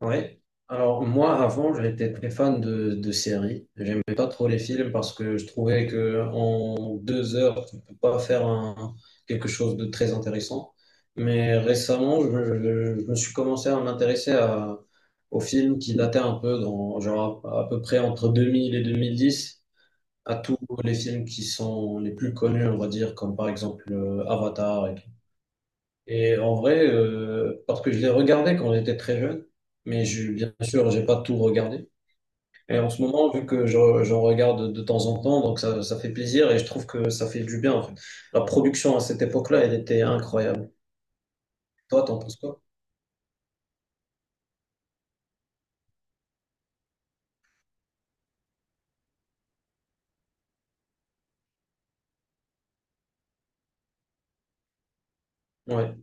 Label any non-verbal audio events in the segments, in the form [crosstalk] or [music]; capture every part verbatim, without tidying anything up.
Ouais. Alors moi avant j'étais très fan de, de séries. J'aimais pas trop les films parce que je trouvais que en deux heures tu peux pas faire un- quelque chose de très intéressant. Mais récemment je, je- je me suis commencé à m'intéresser à- aux films qui dataient un peu dans genre à, à peu près entre deux mille et deux mille dix. À tous les films qui sont les plus connus on va dire comme par exemple euh, Avatar. Et en vrai, euh, parce que je les regardais quand j'étais très jeune, mais je, bien sûr, j'ai pas tout regardé. Et en ce moment, vu que je- j'en regarde de temps en temps, donc ça, ça fait plaisir et je trouve que ça fait du bien, en fait. La production à cette époque-là, elle était incroyable. Toi, t'en penses quoi? Ouais.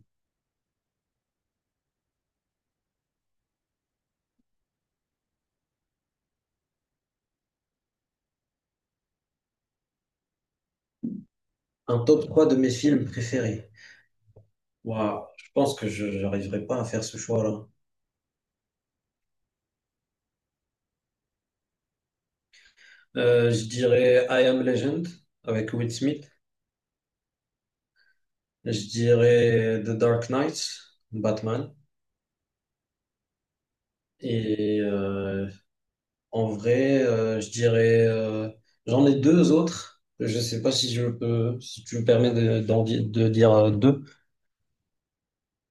Un top trois de mes films préférés. Waouh, je pense que je n'arriverai pas à faire ce choix-là. Euh, je dirais I Am Legend avec Will Smith. Je dirais The Dark Knight, Batman. Et euh, En vrai, euh, je dirais, euh, j'en ai deux autres. Je ne sais pas si je peux, si tu me permets de, d'en di- de dire euh, deux.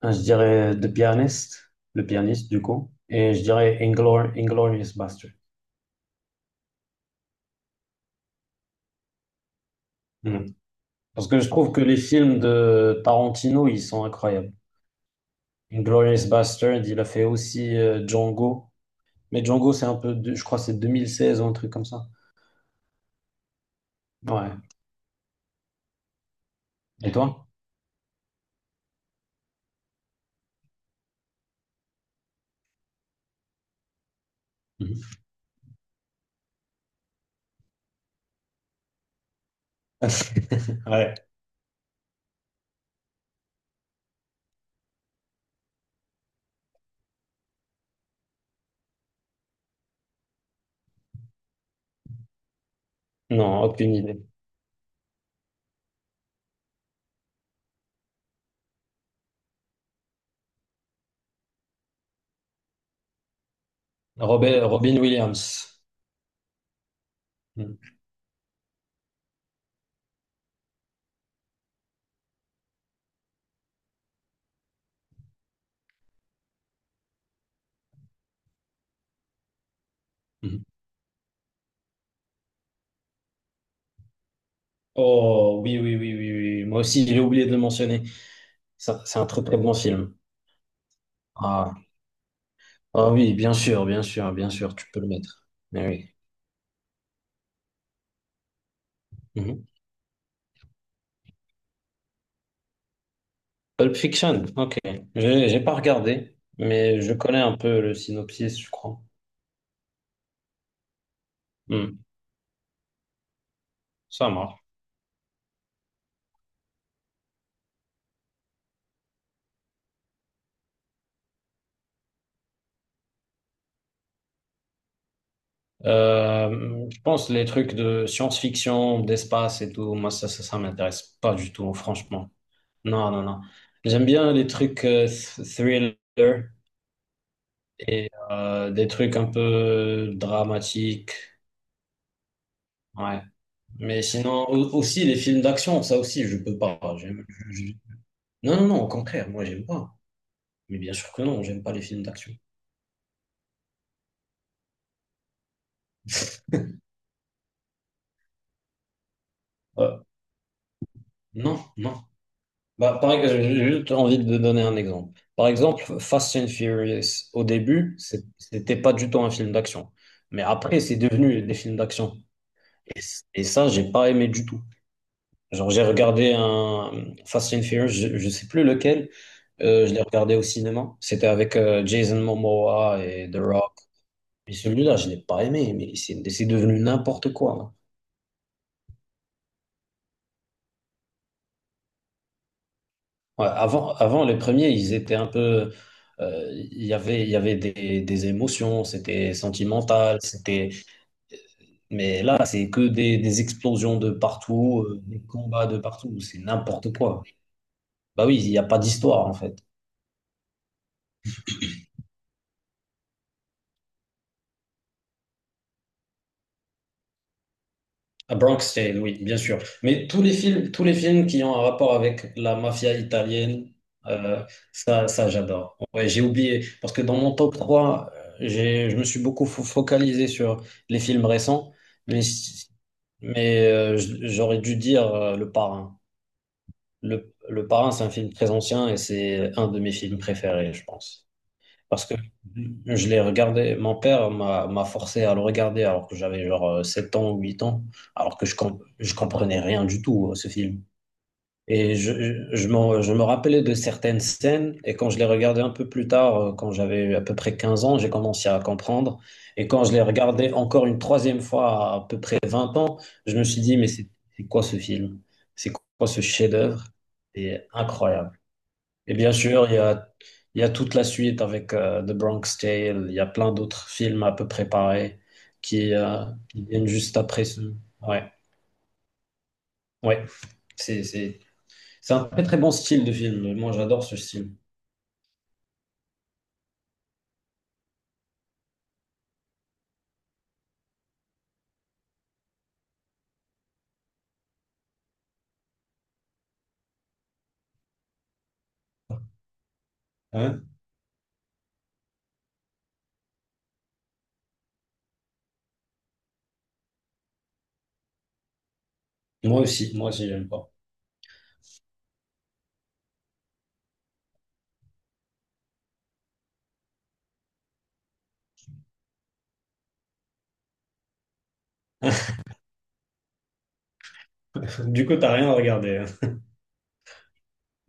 Euh, Je dirais The Pianist, le pianiste du coup, et je dirais Inglour- Inglourious Basterds. Hmm. Parce que je trouve que les films de Tarantino, ils sont incroyables. Inglourious Basterds, il a fait aussi euh, Django. Mais Django, c'est un peu, de- je crois, que c'est deux mille seize ou un truc comme ça. Ouais. Et toi? Mhm. [laughs] Ouais. Non, aucune idée. Robert, Robin Williams. Mhm. Mhm. Oh oui, oui, oui, oui, oui. Moi aussi, j'ai oublié de le mentionner. Ça, c'est un très très bon film. Ah. Ah oui, bien sûr, bien sûr, bien sûr, tu peux le mettre. Mais oui. Mhm. Pulp Fiction, ok. J'ai j'ai pas regardé, mais je connais un peu le synopsis, je crois. Mhm. Ça marche. Euh, je pense les trucs de science-fiction, d'espace et tout, moi ça, ça, ça m'intéresse pas du tout, franchement. Non, non, non. J'aime bien les trucs euh, th- thriller. Et euh, des trucs un peu dramatiques. Ouais. Mais sinon, au- aussi les films d'action, ça aussi, je peux pas. J'aime- je- je- Non, non, non, au contraire, moi, j'aime pas. Mais bien sûr que non, j'aime pas les films d'action. Euh, non, non. Bah, par exemple, j'ai juste envie de donner un exemple. Par exemple, Fast and Furious, au début, c'est- c'était pas du tout un film d'action. Mais après, c'est devenu des films d'action. Et, c- et ça, j'ai pas aimé du tout. Genre, j'ai regardé un Fast and Furious, je, je sais plus lequel. Euh, je l'ai regardé au cinéma. C'était avec euh, Jason Momoa et The Rock. Et celui-là, je l'ai pas aimé, mais c'est c'est devenu n'importe quoi, hein. Ouais, avant, avant, les premiers, ils étaient un peu. euh, Il y avait, il y avait des, des émotions, c'était sentimental, c'était. Mais là, c'est que des, des explosions de partout, euh, des combats de partout, c'est n'importe quoi. Bah oui, il n'y a pas d'histoire, en fait. À Bronx Tale, oui, bien sûr. Mais tous les films, tous les films qui ont un rapport avec la mafia italienne, euh, ça, ça j'adore. Ouais, j'ai oublié, parce que dans mon top trois, euh, j'ai, je me suis beaucoup fo- focalisé sur les films récents, mais, si- mais euh, j- j'aurais dû dire euh, Le Parrain. Le, Le Parrain, c'est un film très ancien et c'est un de mes films préférés, je pense. Parce que je l'ai regardé, mon père m'a m'a forcé à le regarder alors que j'avais genre euh, sept ans ou huit ans, alors que je, com- je comprenais rien du tout à ce film. Et je, je, je m'en- je me rappelais de certaines scènes, et quand je l'ai regardé un peu plus tard, euh, quand j'avais à peu près quinze ans, j'ai commencé à comprendre. Et quand je l'ai regardé encore une troisième fois à, à peu près vingt ans, je me suis dit, mais c'est c'est quoi ce film? C'est quoi ce chef-d'œuvre? C'est incroyable. Et bien sûr, il y a, il y a toute la suite avec euh, The Bronx Tale. Il y a plein d'autres films à peu près pareils qui, euh, qui viennent juste après ce. Ouais, ouais. C'est, c'est, c'est un très très bon style de film. Moi, j'adore ce style. Hein. Moi aussi, moi aussi, j'aime pas. [laughs] Du coup, t'as rien à regarder, hein.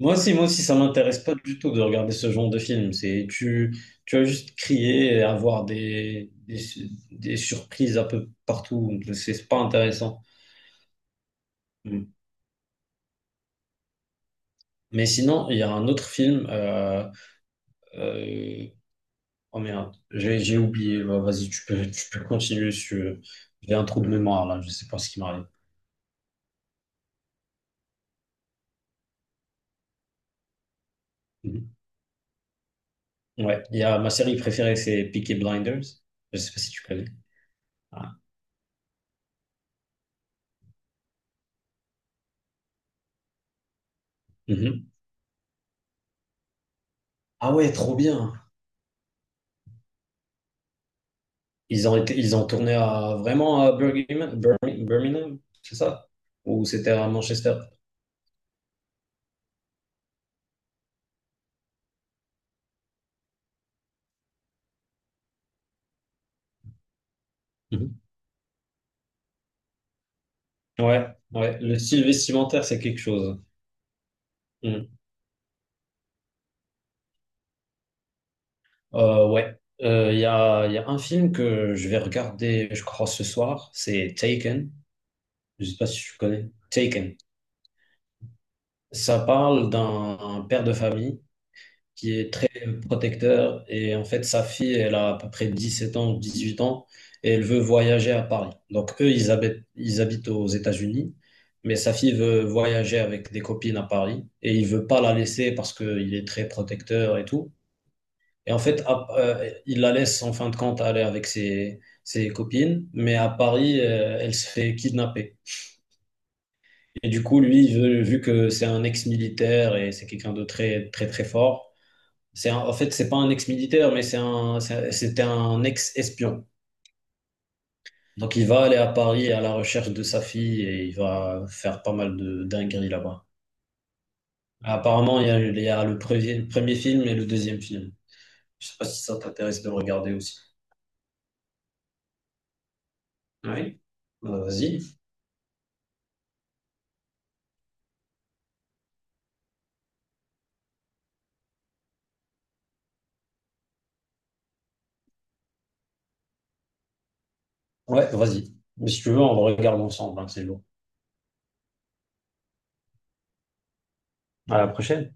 Moi aussi, moi aussi, ça m'intéresse pas du tout de regarder ce genre de film. C'est tu, tu vas juste crier et avoir des, des, des surprises un peu partout. C'est c'est pas intéressant. Hmm. Mais sinon, il y a un autre film. euh, euh, oh merde, j'ai j'ai oublié. Bah, vas-y, tu peux, tu peux continuer si tu veux. J'ai un trou de mémoire là, je sais pas ce qui m'arrive. Mhm. Ouais, il y a ma série préférée, c'est Peaky Blinders. Je sais pas si tu connais. Ah. Mhm. Ah ouais, trop bien. Ils ont été, ils ont tourné à vraiment à Birmingham, Bir- Birmingham, c'est ça? Ou c'était à Manchester? Mhm. Ouais, ouais. Le style vestimentaire, c'est quelque chose. Mhm. Euh, ouais, Euh, il y a, il y a un film que je vais regarder, je crois, ce soir, c'est Taken. Je sais pas si tu connais. Taken. Ça parle d'un un père de famille qui est très protecteur et en fait, sa fille, elle a à peu près dix-sept ans, dix-huit ans et elle veut voyager à Paris. Donc, eux, ils habitent, ils habitent aux États-Unis, mais sa fille veut voyager avec des copines à Paris et il veut pas la laisser parce qu'il est très protecteur et tout. Et en fait, à- euh, il la laisse en fin de compte aller avec ses, ses copines, mais à Paris, euh, elle se fait kidnapper. Et du coup, lui, il veut- vu que c'est un ex-militaire et c'est quelqu'un de très, très, très fort, c'est un- en fait, c'est pas un ex-militaire, mais c'est un, c'est- c'était un ex-espion. Donc, il va aller à Paris à la recherche de sa fille et il va faire pas mal de dingueries là-bas. Apparemment, il y a, il y a le premier, premier film et le deuxième film. Je sais pas si ça t'intéresse de le regarder aussi. Oui. Bah, vas-y. Ouais, vas-y. Mais si tu veux, on regarde ensemble, hein, c'est lourd. À la prochaine.